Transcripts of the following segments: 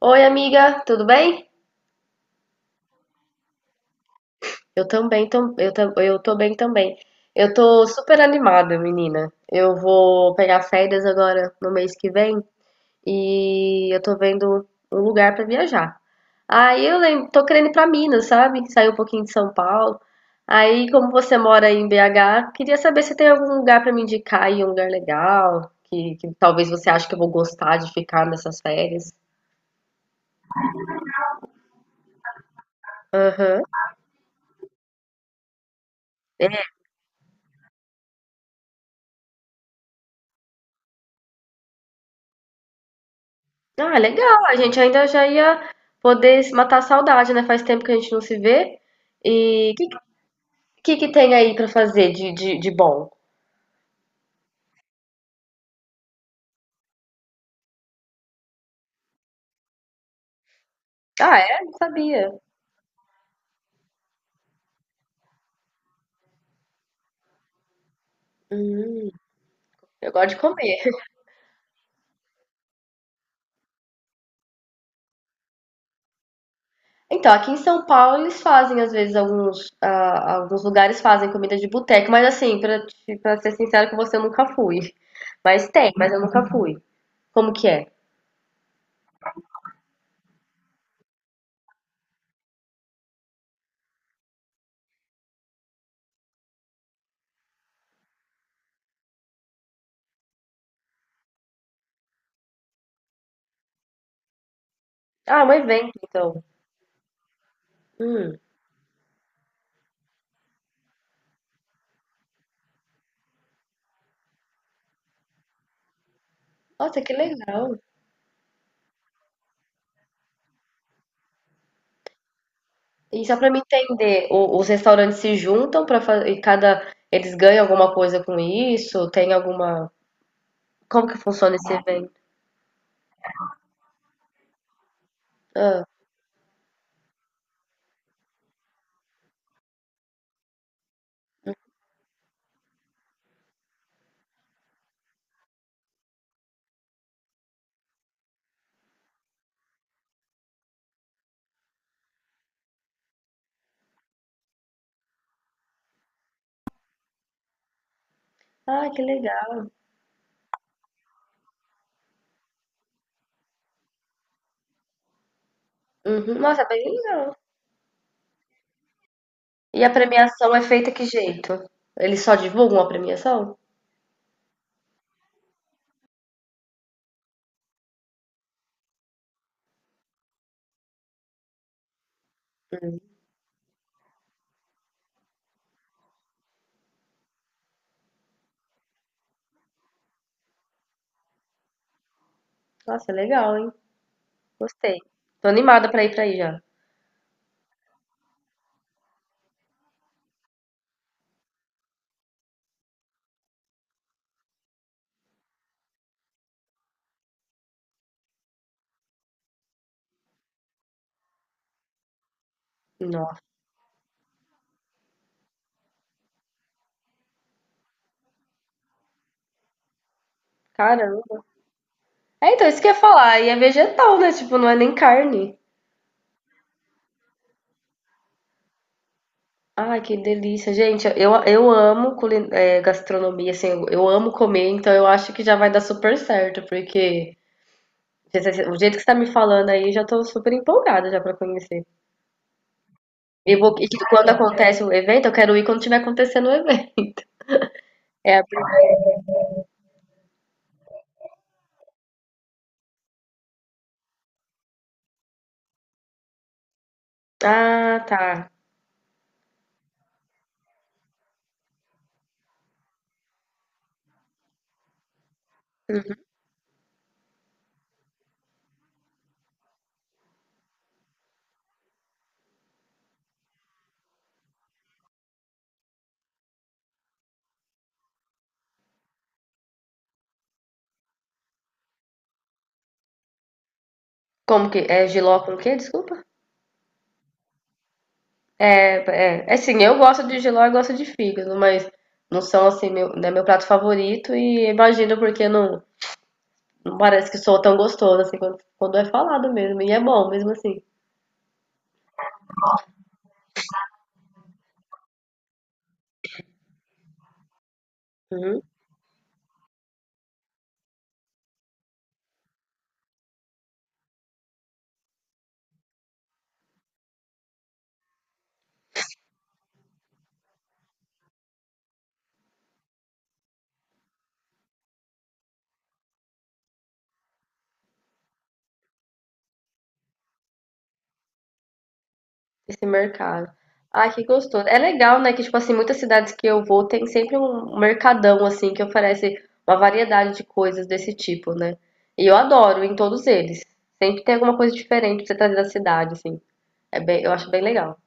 Oi, amiga, tudo bem? Eu também, eu tô bem também. Eu tô super animada, menina. Eu vou pegar férias agora no mês que vem e eu tô vendo um lugar pra viajar. Tô querendo ir pra Minas, sabe? Sair um pouquinho de São Paulo. Aí, como você mora aí em BH, queria saber se tem algum lugar pra me indicar aí, um lugar legal, que talvez você ache que eu vou gostar de ficar nessas férias. Aham. Ah, legal. A gente ainda já ia poder se matar a saudade, né? Faz tempo que a gente não se vê. E que tem aí pra fazer de bom? Ah, é? Não sabia. Eu gosto de comer. Então, aqui em São Paulo eles fazem, às vezes, alguns lugares fazem comida de boteco, mas assim, pra ser sincero com você, eu nunca fui. Mas tem, mas eu nunca fui. Como que é? Ah, é um evento, então. Nossa, que legal. E só para me entender, os restaurantes se juntam para fazer e cada eles ganham alguma coisa com isso? Tem alguma... Como que funciona esse evento? Ah, ah, que legal. Uhum. Nossa, é bem legal. E a premiação é feita que jeito? Eles só divulgam a premiação? Nossa, legal, hein? Gostei. Tô animada pra ir pra aí já. Nossa, caramba. É, então, isso que eu ia falar. E é vegetal, né? Tipo, não é nem carne. Ai, que delícia. Gente, eu, gastronomia, assim, eu amo comer, então eu acho que já vai dar super certo, porque o jeito que você tá me falando aí, eu já tô super empolgada já pra conhecer. E vou, e quando acontece o evento, eu quero ir quando tiver acontecendo o evento. É, ah, tá. Como que, é jiló com o quê? Desculpa. É, é assim, eu gosto de giló e gosto de fígado, mas não são assim, meu, não é meu prato favorito e imagino porque não, não parece que soa tão gostoso assim quando é falado mesmo. E é bom mesmo assim. Uhum. Esse mercado. Ai, que gostoso. É legal, né? Que, tipo assim, muitas cidades que eu vou tem sempre um mercadão, assim, que oferece uma variedade de coisas desse tipo, né? E eu adoro em todos eles. Sempre tem alguma coisa diferente pra você trazer da cidade, assim. É bem, eu acho bem legal.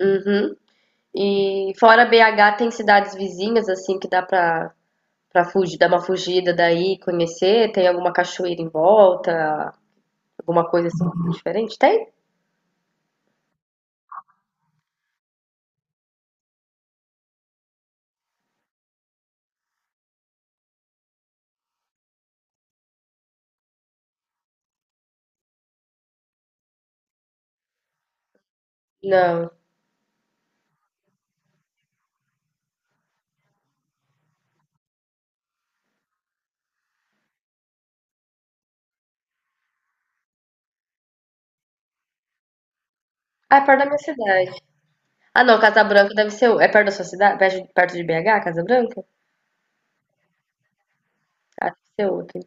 Uhum. E fora BH, tem cidades vizinhas, assim, pra fugir, dar uma fugida daí, conhecer? Tem alguma cachoeira em volta? Alguma coisa assim diferente? Tem? Não. Ah, é perto da minha cidade. Ah, não, Casa Branca deve ser. É perto da sua cidade? Perto de BH, Casa Branca? Ah, deve ser outra.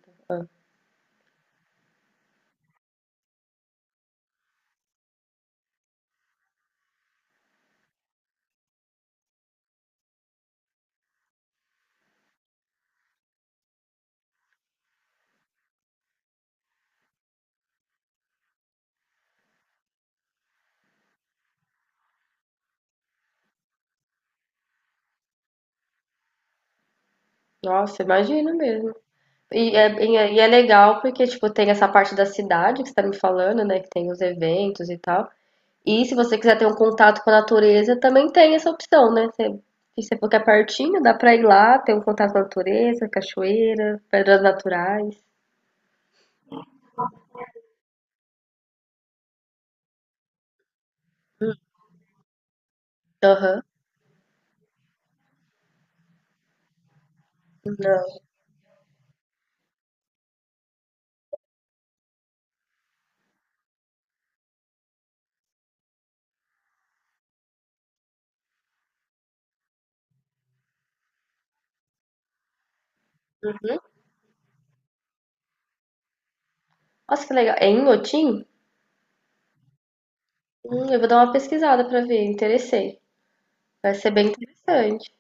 Nossa, imagina mesmo. E é legal porque, tipo, tem essa parte da cidade que você tá me falando, né? Que tem os eventos e tal. E se você quiser ter um contato com a natureza, também tem essa opção, né? Você, se você for que é pertinho, dá pra ir lá, ter um contato com a natureza, cachoeira, pedras naturais. Aham. Nossa, que legal. É em Inhotim? Eu vou dar uma pesquisada pra ver, interessei. Vai ser bem interessante.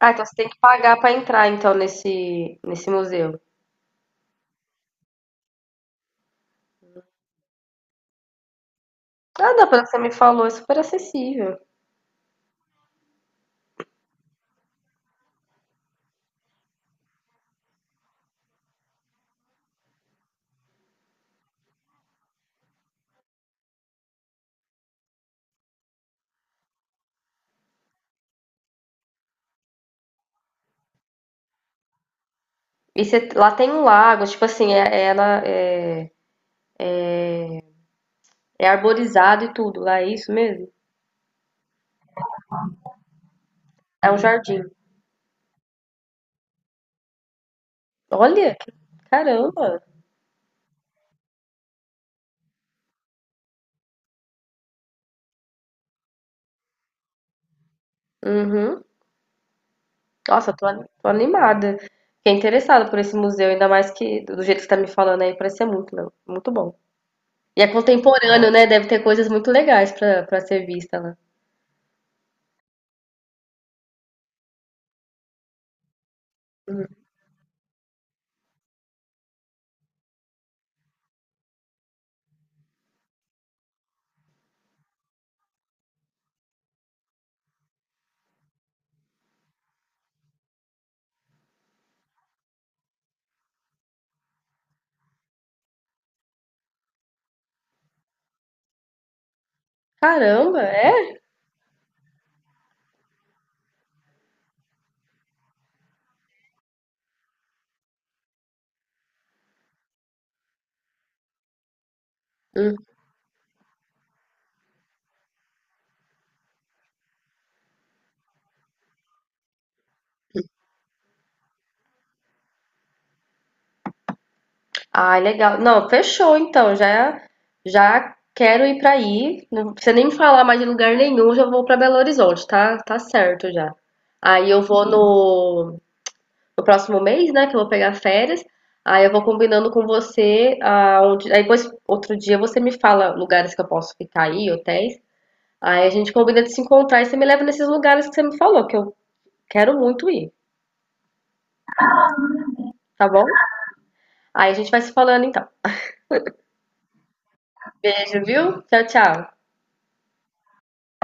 Ah, então você tem que pagar pra entrar então nesse museu. Ah, não, pelo que você me falou, é super acessível. E você... lá tem um lago, tipo assim, é, é arborizado e tudo, lá é isso mesmo? É um jardim. Olha, caramba. Uhum. Nossa, tô animada. Fiquei interessada por esse museu, ainda mais que do jeito que você tá me falando aí, parece ser muito bom. E é contemporâneo, né? Deve ter coisas muito legais pra ser vista lá. Caramba, é? Hum. Ah, legal. Não, fechou então. Já quero ir pra aí. Não precisa nem me falar mais de lugar nenhum, já vou pra Belo Horizonte, tá? Tá certo já. Aí eu vou no, no próximo mês, né, que eu vou pegar férias. Aí eu vou combinando com você aonde, aí depois outro dia você me fala lugares que eu posso ficar aí, hotéis. Aí a gente combina de se encontrar e você me leva nesses lugares que você me falou, que eu quero muito ir, tá bom? Aí a gente vai se falando então. Beijo, viu? Tchau, tchau.